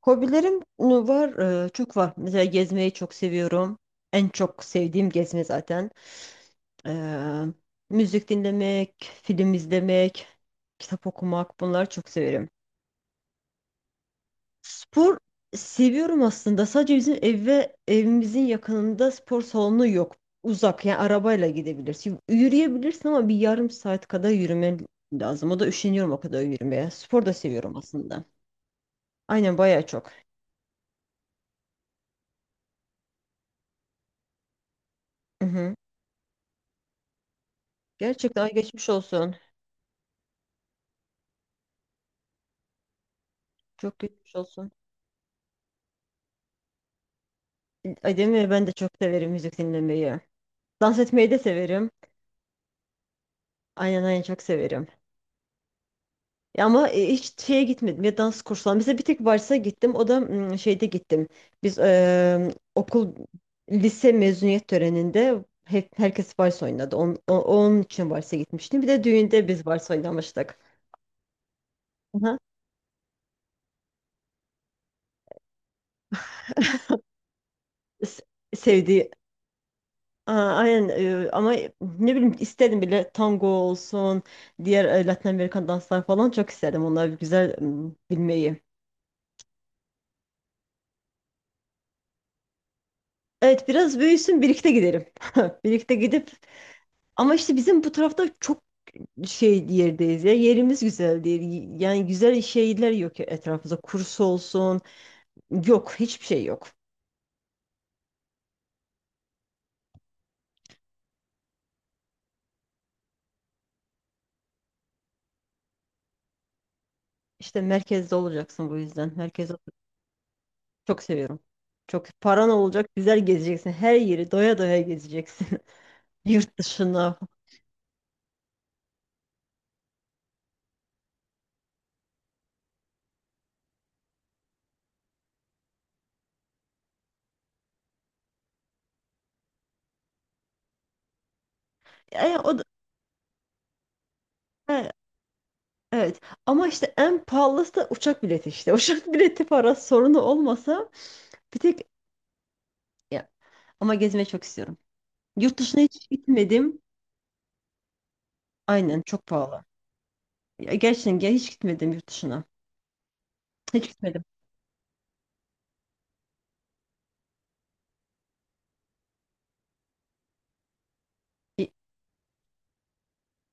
Hobilerim var, çok var. Mesela gezmeyi çok seviyorum. En çok sevdiğim gezme zaten. Ee, müzik dinlemek, film izlemek, kitap okumak bunları çok severim. Spor seviyorum aslında. Sadece bizim ev ve evimizin yakınında spor salonu yok. Uzak yani arabayla gidebilirsin. Yürüyebilirsin ama bir yarım saat kadar yürümen lazım. O da üşeniyorum o kadar yürümeye. Spor da seviyorum aslında. Aynen bayağı çok. Hı hı. Gerçekten ay geçmiş olsun. Çok geçmiş olsun. Ay, değil mi? Ben de çok severim müzik dinlemeyi. Dans etmeyi de severim. Aynen, aynen, çok severim. Ya ama hiç şeye gitmedim ya, dans kursuna. Mesela bir tek varsa gittim. O da şeyde gittim. Biz okul lise mezuniyet töreninde hep herkes vals oynadı. Onun için varsa gitmiştim. Bir de düğünde biz vals oynamıştık. Aha. Se- sevdiği Aa, aynen, ama ne bileyim, istedim bile tango olsun, diğer Latin Amerikan danslar falan, çok istedim onları güzel bilmeyi. Evet, biraz büyüsün birlikte gidelim. Birlikte gidip, ama işte bizim bu tarafta çok şey yerdeyiz ya, yerimiz güzel değil. Yani güzel şeyler yok ya etrafımızda, kurs olsun yok, hiçbir şey yok. İşte merkezde olacaksın, bu yüzden merkezde çok seviyorum. Çok paran olacak, güzel gezeceksin, her yeri doya doya gezeceksin. Yurt dışına. E, o da- e, evet, ama işte en pahalısı da uçak bileti işte. Uçak bileti parası sorunu olmasa, bir tek, ya, ama gezmeyi çok istiyorum. Yurt dışına hiç gitmedim. Aynen, çok pahalı. Ya, gerçekten ya, hiç gitmedim yurt dışına. Hiç gitmedim. Y-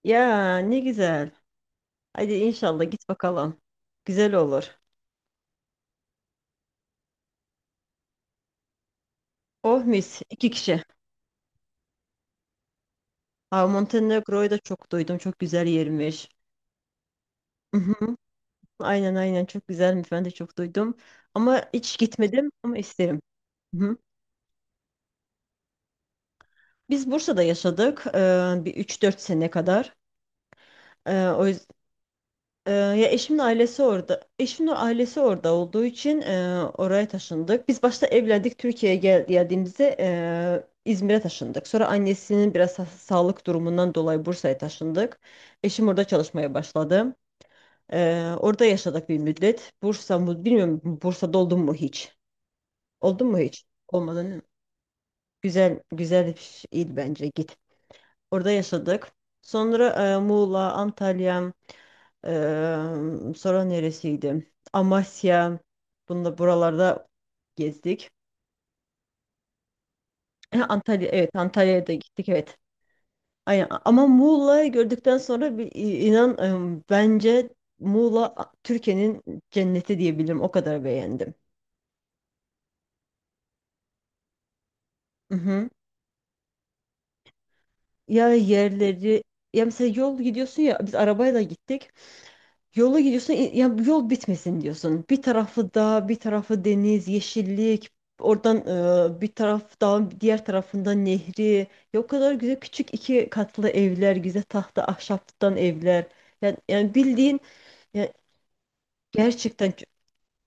Ya ne güzel. Hadi inşallah git bakalım. Güzel olur. Oh mis, iki kişi. Ha, Montenegro'yu da çok duydum. Çok güzel yermiş. Mhm. Aynen, aynen, çok güzelmiş. Ben de çok duydum. Ama hiç gitmedim, ama isterim. Hı. Biz Bursa'da yaşadık bir üç dört sene kadar. Eee, o yüz- ya eşimin ailesi orada. Eşimin ailesi orada olduğu için oraya taşındık. Biz başta evlendik, Türkiye'ye geldiğimizde İzmir'e taşındık. Sonra annesinin biraz sağlık durumundan dolayı Bursa'ya taşındık. Eşim orada çalışmaya başladı. Orada yaşadık bir müddet. Bursa mı bilmiyorum, Bursa'da oldun mu hiç? Oldun mu hiç? Olmadın değil mi? Güzel, güzel bir şeydi, bence git. Orada yaşadık. Sonra Muğla, Antalya, sonra neresiydi? Amasya. Buralarda gezdik. Ha, Antalya, evet Antalya'ya da gittik, evet. Aynen. Ama Muğla'yı gördükten sonra bir, inan bence Muğla Türkiye'nin cenneti diyebilirim. O kadar beğendim. Mhm. Ya yerleri, ya mesela yol gidiyorsun ya, biz arabayla gittik. Yola gidiyorsun, ya bu yol bitmesin diyorsun. Bir tarafı dağ, bir tarafı deniz, yeşillik. Oradan bir taraf dağın, diğer tarafında nehri. Ya o kadar güzel küçük 2 katlı evler, güzel tahta ahşaptan evler. Yani bildiğin ya, gerçekten çok,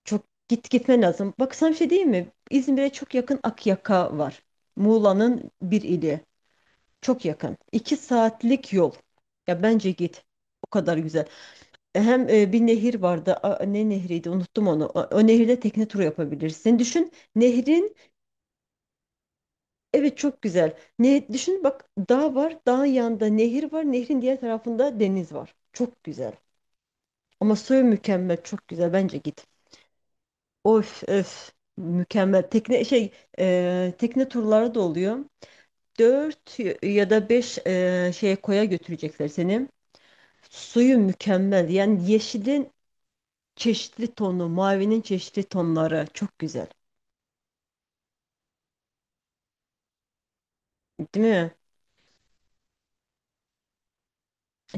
çok gitmen lazım. Bak sana bir şey diyeyim mi? İzmir'e çok yakın Akyaka var. Muğla'nın bir ili. Çok yakın. 2 saatlik yol. Ya bence git. O kadar güzel. Hem bir nehir vardı. Ne nehriydi? Unuttum onu. O nehirde tekne turu yapabilirsin. Düşün nehrin. Evet, çok güzel. Ne düşün bak, dağ var. Dağın yanında nehir var. Nehrin diğer tarafında deniz var. Çok güzel. Ama Söğüt mükemmel. Çok güzel. Bence git. Of öf. Mükemmel. Tekne turları da oluyor. Dört ya da beş şeye, koya götürecekler seni. Suyu mükemmel. Yani yeşilin çeşitli tonu, mavinin çeşitli tonları çok güzel. Değil mi?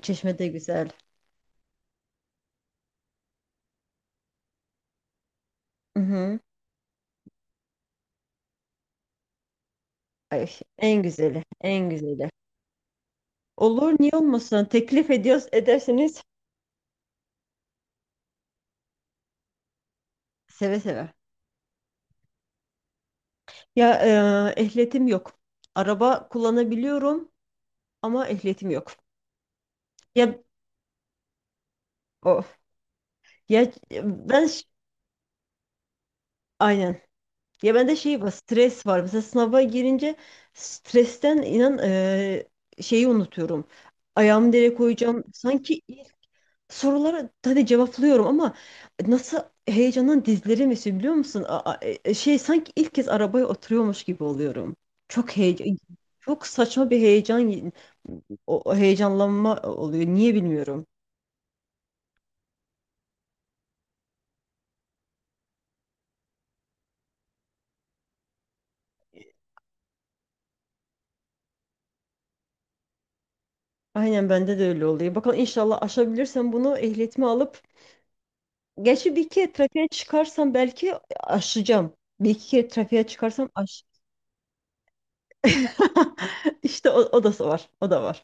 Çeşme de güzel. Hı-hı. Ay, en güzeli, en güzeli. Olur, niye olmasın? Teklif ediyoruz, edersiniz, seve seve. Ya, ehliyetim yok. Araba kullanabiliyorum ama ehliyetim yok. Ya o ya ben ş- Aynen. Ya bende şey var, stres var. Mesela sınava girince stresten inan şeyi unutuyorum. Ayağımı nereye koyacağım? Sanki sorulara hadi cevaplıyorum ama nasıl, heyecandan dizlerim esiyor biliyor musun? Şey sanki ilk kez arabaya oturuyormuş gibi oluyorum. Çok heyecan, çok saçma bir heyecan, o heyecanlanma oluyor. Niye bilmiyorum. Aynen, bende de öyle oluyor. Bakalım inşallah aşabilirsem bunu, ehliyetimi alıp. Gerçi bir iki kere trafiğe çıkarsam belki aşacağım. Bir iki kere trafiğe çıkarsam aş. İşte o da var. O da var.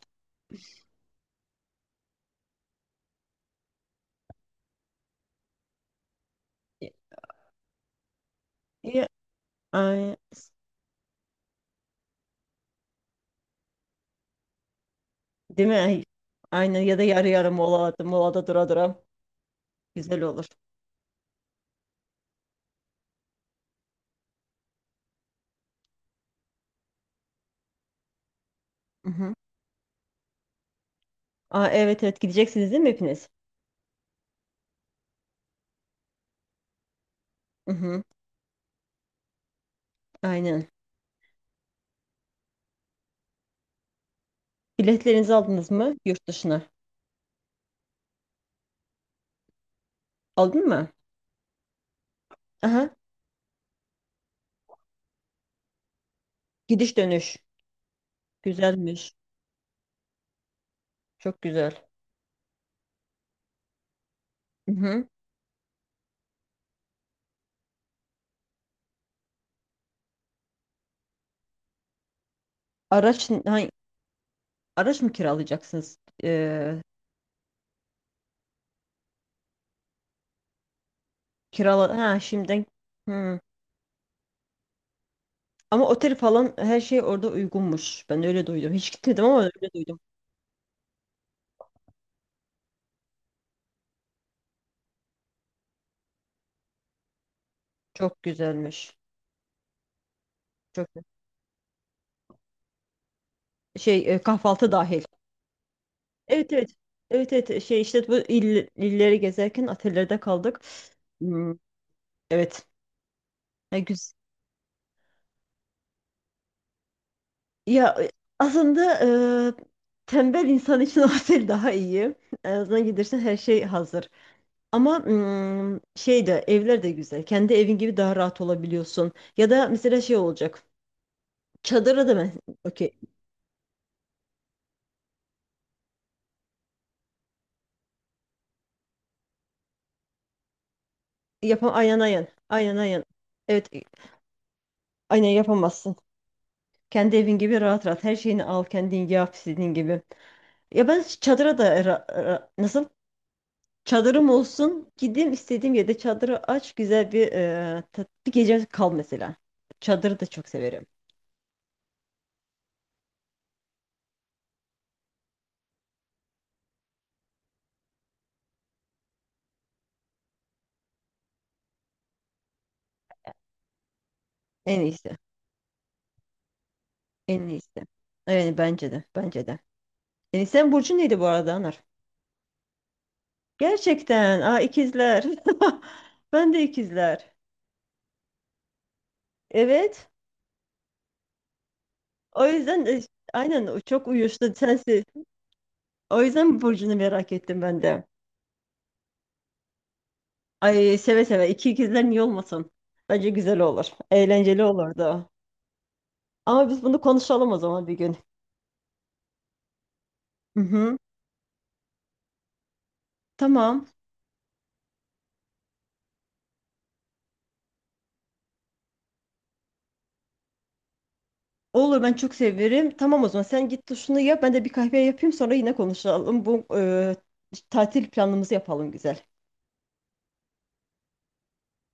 Ya, ay, değil mi? Ay. Aynen, ya da yarı yarı molada, molada, dura dura. Güzel olur. Mhm. Aa, evet, evet, gideceksiniz değil mi hepiniz? Mhm. Aynen. Biletlerinizi aldınız mı yurt dışına? Aldın mı? Aha. Gidiş dönüş. Güzelmiş. Çok güzel. Mhm. Araç, hangi, araç mı kiralayacaksınız? Ee, Kirala ha şimdi. Hmm. Ama otel falan her şey orada uygunmuş. Ben öyle duydum. Hiç gitmedim ama öyle duydum. Çok güzelmiş. Çok Kahvaltı dahil. Evet, evet. Evet, evet, şey işte bu illeri gezerken otellerde kaldık. Hmm, evet. Ya, ya aslında e, tembel insan için otel daha iyi. En azından gidersin, her şey hazır. Ama şey de, evler de güzel. Kendi evin gibi daha rahat olabiliyorsun. Ya da mesela şey olacak. Çadırı da mı? Okey. Yapam aynen, aynen. Aynen, aynen. Evet, aynen yapamazsın. Kendi evin gibi rahat rahat. Her şeyini al, kendin yap istediğin gibi. Ya ben çadıra da nasıl? Çadırım olsun. Gideyim istediğim yerde çadırı aç. Güzel bir gece kal mesela. Çadırı da çok severim. En iyisi. En iyisi. Evet, bence de. Bence de. Sen burcu neydi bu arada, Anar? Gerçekten. Aa, ikizler. Ben de ikizler. Evet. O yüzden aynen, o çok uyuştu, sensin. O yüzden burcunu merak ettim ben de. Ay, seve seve, ikizler niye olmasın? Bence güzel olur. Eğlenceli olurdu. Ama biz bunu konuşalım o zaman bir gün. Hı hı. Tamam. Olur, ben çok severim. Tamam, o zaman sen git duşunu yap. Ben de bir kahve yapayım, sonra yine konuşalım. Tatil planımızı yapalım, güzel.